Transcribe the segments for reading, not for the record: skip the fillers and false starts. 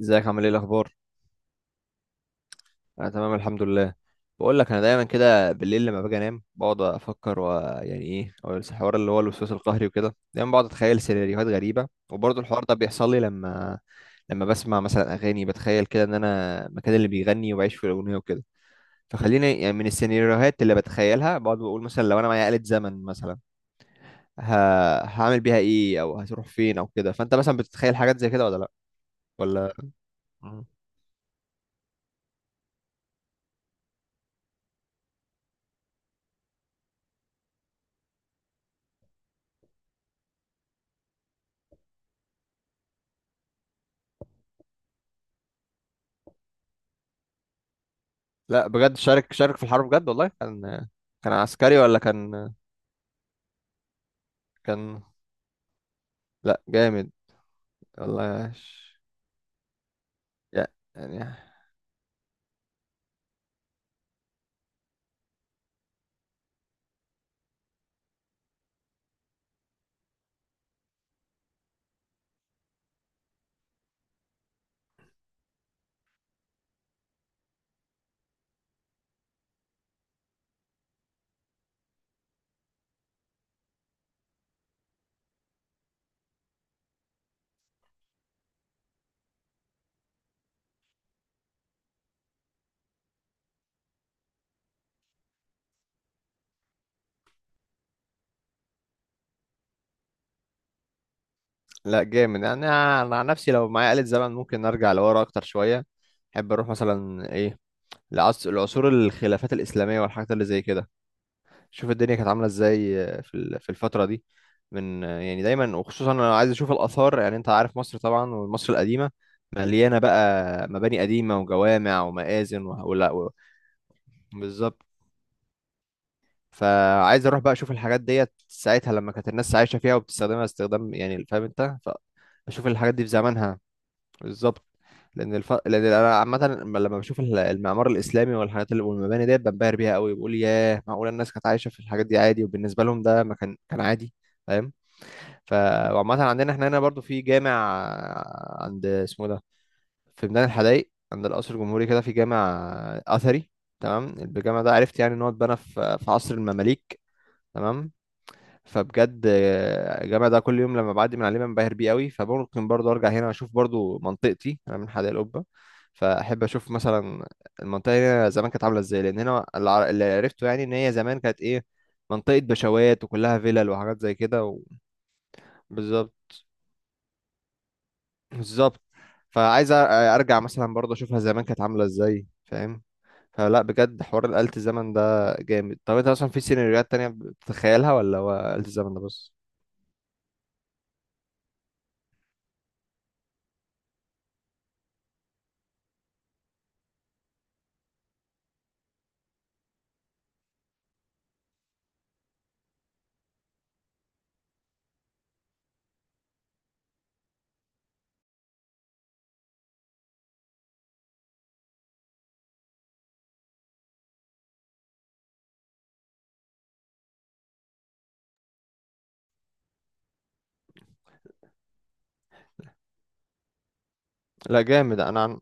ازيك؟ عامل ايه؟ الاخبار؟ انا تمام، الحمد لله. بقول لك، انا دايما كده بالليل لما باجي انام بقعد افكر ويعني ايه او الحوار اللي هو الوسواس القهري وكده. دايما بقعد اتخيل سيناريوهات غريبه، وبرضه الحوار ده بيحصل لي لما بسمع مثلا اغاني بتخيل كده ان انا مكان اللي بيغني وبعيش في الاغنيه وكده. فخليني يعني من السيناريوهات اللي بتخيلها بقعد بقول مثلا لو انا معايا آلة زمن مثلا ه... هعمل بيها ايه، او هتروح فين، او كده. فانت مثلا بتتخيل حاجات زي كده ولا لا؟ ولا لا، بجد شارك شارك في الحرب بجد؟ والله كان عسكري ولا كان؟ لا جامد، والله يا- يعني. لا جامد، يعني انا عن نفسي لو معايا آلة زمن ممكن ارجع لورا اكتر شوية. احب اروح مثلا ايه، لعصور الخلافات الإسلامية والحاجات اللي زي كده. شوف الدنيا كانت عاملة ازاي في الفترة دي. من يعني دايما، وخصوصا انا عايز اشوف الآثار. يعني انت عارف مصر طبعا، ومصر القديمة مليانة بقى مباني قديمة وجوامع ومآذن بالظبط. فعايز اروح بقى اشوف الحاجات ديت ساعتها لما كانت الناس عايشه فيها وبتستخدمها استخدام، يعني فاهم انت؟ فاشوف الحاجات دي في زمانها. بالظبط. لان انا عامه لما بشوف المعمار الاسلامي والحاجات والمباني ديت بنبهر بيها قوي، بقول ياه، معقوله الناس كانت عايشه في الحاجات دي عادي؟ وبالنسبه لهم ده ما كان عادي. فاهم؟ ف وعامه، عندنا احنا هنا برضو في جامع. عند اسمه ده، في ميدان الحدايق، عند القصر الجمهوري، كده في جامع اثري، تمام؟ الجامع ده عرفت يعني ان هو اتبنى في عصر المماليك، تمام؟ فبجد الجامع ده كل يوم لما بعدي من عليه بنبهر بيه قوي. فممكن برضو ارجع هنا، اشوف برضو منطقتي. انا من حدائق القبه، فاحب اشوف مثلا المنطقه هنا زمان كانت عامله ازاي. لان هنا اللي عرفته يعني ان هي زمان كانت ايه، منطقه بشوات وكلها فيلل وحاجات زي كده بالظبط، بالظبط. فعايز ارجع مثلا برضو اشوفها زمان كانت عامله ازاي، فاهم؟ فلا بجد حوار آلة الزمن ده جامد. طب انت اصلا في سيناريوهات تانية بتتخيلها ولا هو آلة الزمن ده بس؟ لا جامد. انا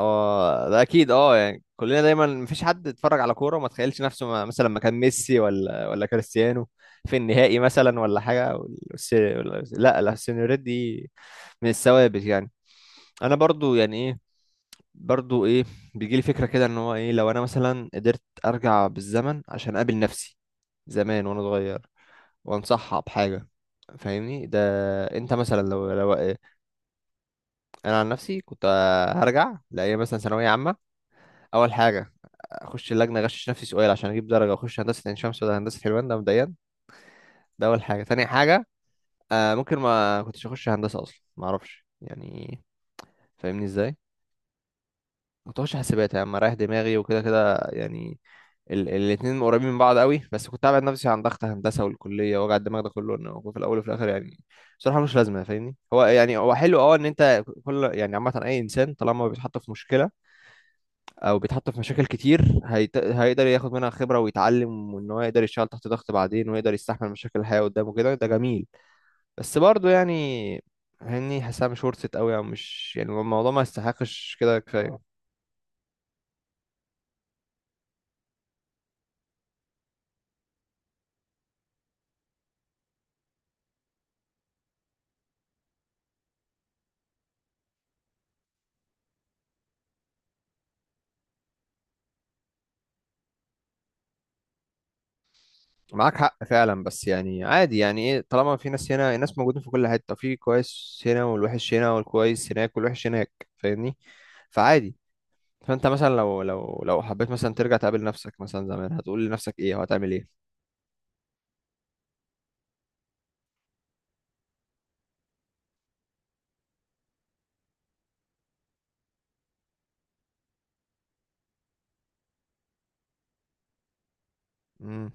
اه ده اكيد. اه يعني كلنا دايما، مفيش حد اتفرج على كوره وما تخيلش نفسه مثلا ما كان ميسي ولا كريستيانو في النهائي مثلا، ولا حاجه. لا لا، السينيوريت دي من الثوابت يعني. انا برضو يعني ايه برضو ايه بيجي لي فكره كده، ان هو ايه، لو انا مثلا قدرت ارجع بالزمن عشان اقابل نفسي زمان وانا صغير وانصحها بحاجه، فاهمني ده؟ انت مثلا لو. انا عن نفسي كنت هرجع لايام مثلا ثانويه عامه. اول حاجه، اخش اللجنه اغشش نفسي سؤال عشان اجيب درجه واخش هندسه عين شمس ولا هندسه حلوان، ده مبدئيا. ده اول حاجه. تاني حاجه، آه ممكن ما كنتش اخش هندسه اصلا، ما اعرفش يعني، فاهمني ازاي؟ كنت اخش حاسبات يا عم، رايح دماغي، وكده كده يعني. الاتنين قريبين من بعض قوي، بس كنت ابعد نفسي عن ضغط هندسه والكليه ووجع الدماغ ده كله. انه هو في الاول وفي الاخر يعني بصراحه مش لازمه، فاهمني؟ هو يعني حلو اه ان انت، يعني عامه، اي انسان طالما بيتحط في مشكله او بيتحط في مشاكل كتير هيقدر ياخد منها خبره ويتعلم، وان هو يقدر يشتغل تحت ضغط بعدين ويقدر يستحمل مشاكل الحياه قدامه كده، ده جميل. بس برضه يعني هني حاسها مش ورثت قوي، او مش يعني الموضوع ما يستحقش كده، كفايه. معاك حق فعلا، بس يعني عادي يعني ايه، طالما في ناس هنا، الناس موجودين في كل حته، في كويس هنا والوحش هنا، والكويس هناك والوحش هناك، فاهمني؟ فعادي. فانت مثلا لو لو حبيت مثلا ترجع تقابل نفسك مثلا زمان، هتقول لنفسك ايه وهتعمل ايه؟ مم.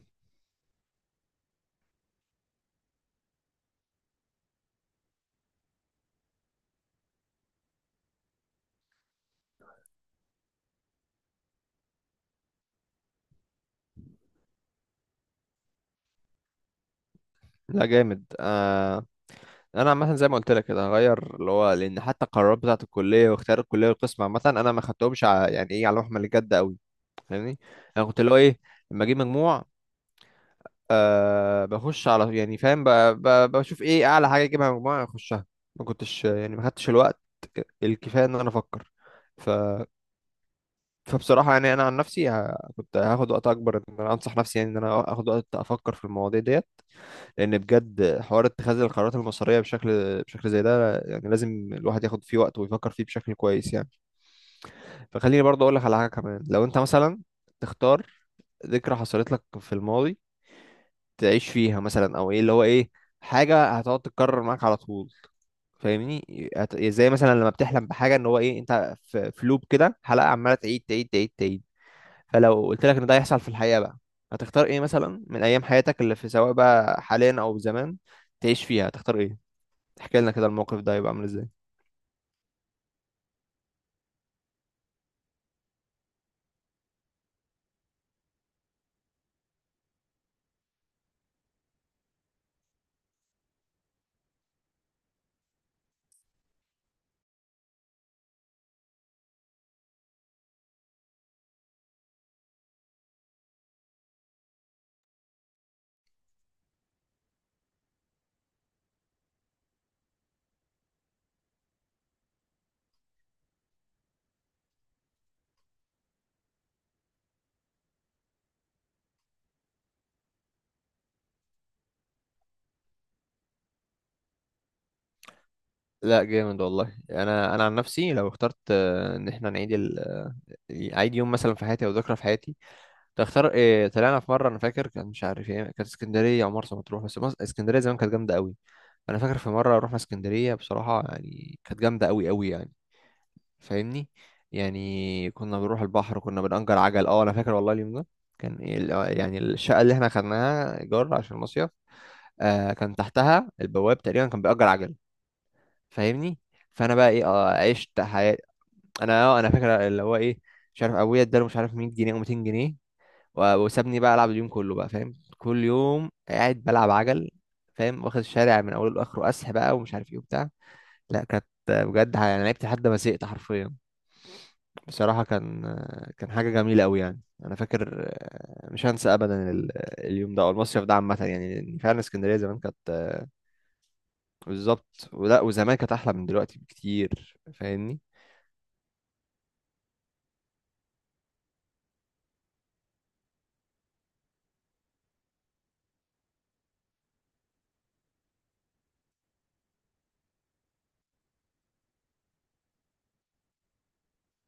لا جامد. انا عامه زي ما قلت لك كده هغير، اللي هو لان حتى القرارات بتاعه الكليه واختيار الكليه والقسم عامه انا ما خدتهمش يعني ايه، على محمل الجد قوي، فاهمني؟ انا كنت، اللي هو ايه، لما اجيب مجموع بخش على، يعني فاهم، بشوف ايه اعلى حاجه اجيبها مجموع اخشها. ما كنتش يعني ما خدتش الوقت الكفايه ان انا افكر ف فبصراحه يعني انا عن نفسي كنت هاخد وقت اكبر، ان انا انصح نفسي يعني، ان انا اخد وقت افكر في المواضيع ديت. لان بجد حوار اتخاذ القرارات المصيريه بشكل زي ده يعني لازم الواحد ياخد فيه وقت ويفكر فيه بشكل كويس يعني. فخليني برضه اقول لك على حاجه كمان. لو انت مثلا تختار ذكرى حصلت لك في الماضي تعيش فيها مثلا، او ايه، اللي هو ايه، حاجه هتقعد تتكرر معاك على طول، فاهمني؟ زي مثلا لما بتحلم بحاجه، ان هو ايه، انت في لوب كده، حلقه عماله تعيد تعيد تعيد تعيد. فلو قلت لك ان ده هيحصل في الحقيقه بقى، هتختار ايه مثلا من ايام حياتك اللي في، سواء بقى حاليا او زمان، تعيش فيها؟ هتختار ايه؟ احكي لنا كده الموقف ده هيبقى عامل ازاي. لا جامد والله. انا عن نفسي لو اخترت ان احنا نعيد عيد يوم مثلا في حياتي، او ذكرى في حياتي، كنت اختار إيه؟ طلعنا في مره، انا فاكر، كان مش عارف ايه، كانت اسكندريه او مرسى مطروح، بس اسكندريه زمان كانت جامده قوي. انا فاكر في مره رحنا اسكندريه، بصراحه يعني كانت جامده قوي قوي يعني، فاهمني؟ يعني كنا بنروح البحر، كنا بنأجر عجل. اه انا فاكر والله اليوم ده كان إيه يعني الشقه اللي احنا خدناها ايجار عشان المصيف، كان تحتها البواب تقريبا كان بيأجر عجل، فاهمني؟ فانا بقى ايه، عشت حياتي. انا فاكر، اللي هو ايه، مش عارف ابويا اداله مش عارف 100 جنيه او 200 جنيه، وسابني بقى العب اليوم كله بقى، فاهم؟ كل يوم قاعد بلعب عجل، فاهم، واخد الشارع من اوله لاخره، اسح بقى ومش عارف ايه وبتاع. لا كانت بجد انا لعبت لحد ما زهقت حرفيا، بصراحة. كان حاجة جميلة قوي يعني. انا فاكر مش هنسى ابدا اليوم ده او المصيف ده عامة يعني، لأن فعلا اسكندرية زمان كانت. بالظبط، ولا وزمان كانت احلى من دلوقتي بكتير، فاهمني؟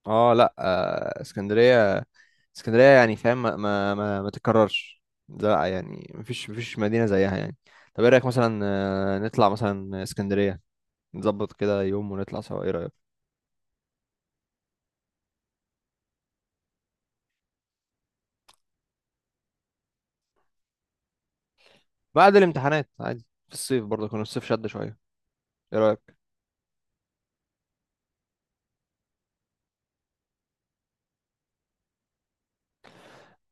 اه لا، اسكندريه، اسكندريه يعني فاهم، ما تتكررش. لا يعني مفيش مدينه زيها يعني. طب ايه رايك مثلا نطلع مثلا اسكندريه، نظبط كده يوم ونطلع سوا، ايه رايك؟ بعد الامتحانات عادي في الصيف، برضه كان الصيف شد شويه، ايه رايك؟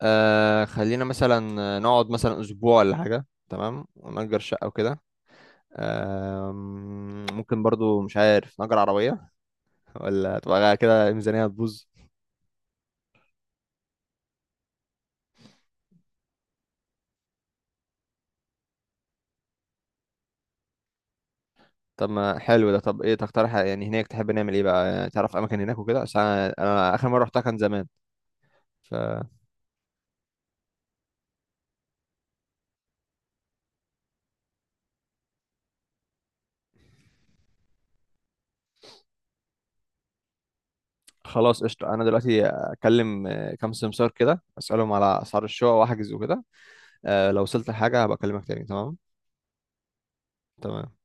خلينا مثلا نقعد مثلا اسبوع ولا حاجه، تمام؟ ونأجر شقه وكده. ممكن برضو، مش عارف، نأجر عربيه، ولا تبقى كده الميزانيه هتبوظ. طب ما حلو ده. طب ايه تقترح يعني هناك، تحب نعمل ايه بقى يعني، تعرف اماكن هناك وكده؟ عشان انا اخر مره رحتها كان زمان. فخلاص قشطه، انا دلوقتي اكلم كام سمسار كده، اسالهم على اسعار الشقق واحجز وكده. لو وصلت لحاجه هبقى اكلمك تاني، تمام؟ تمام.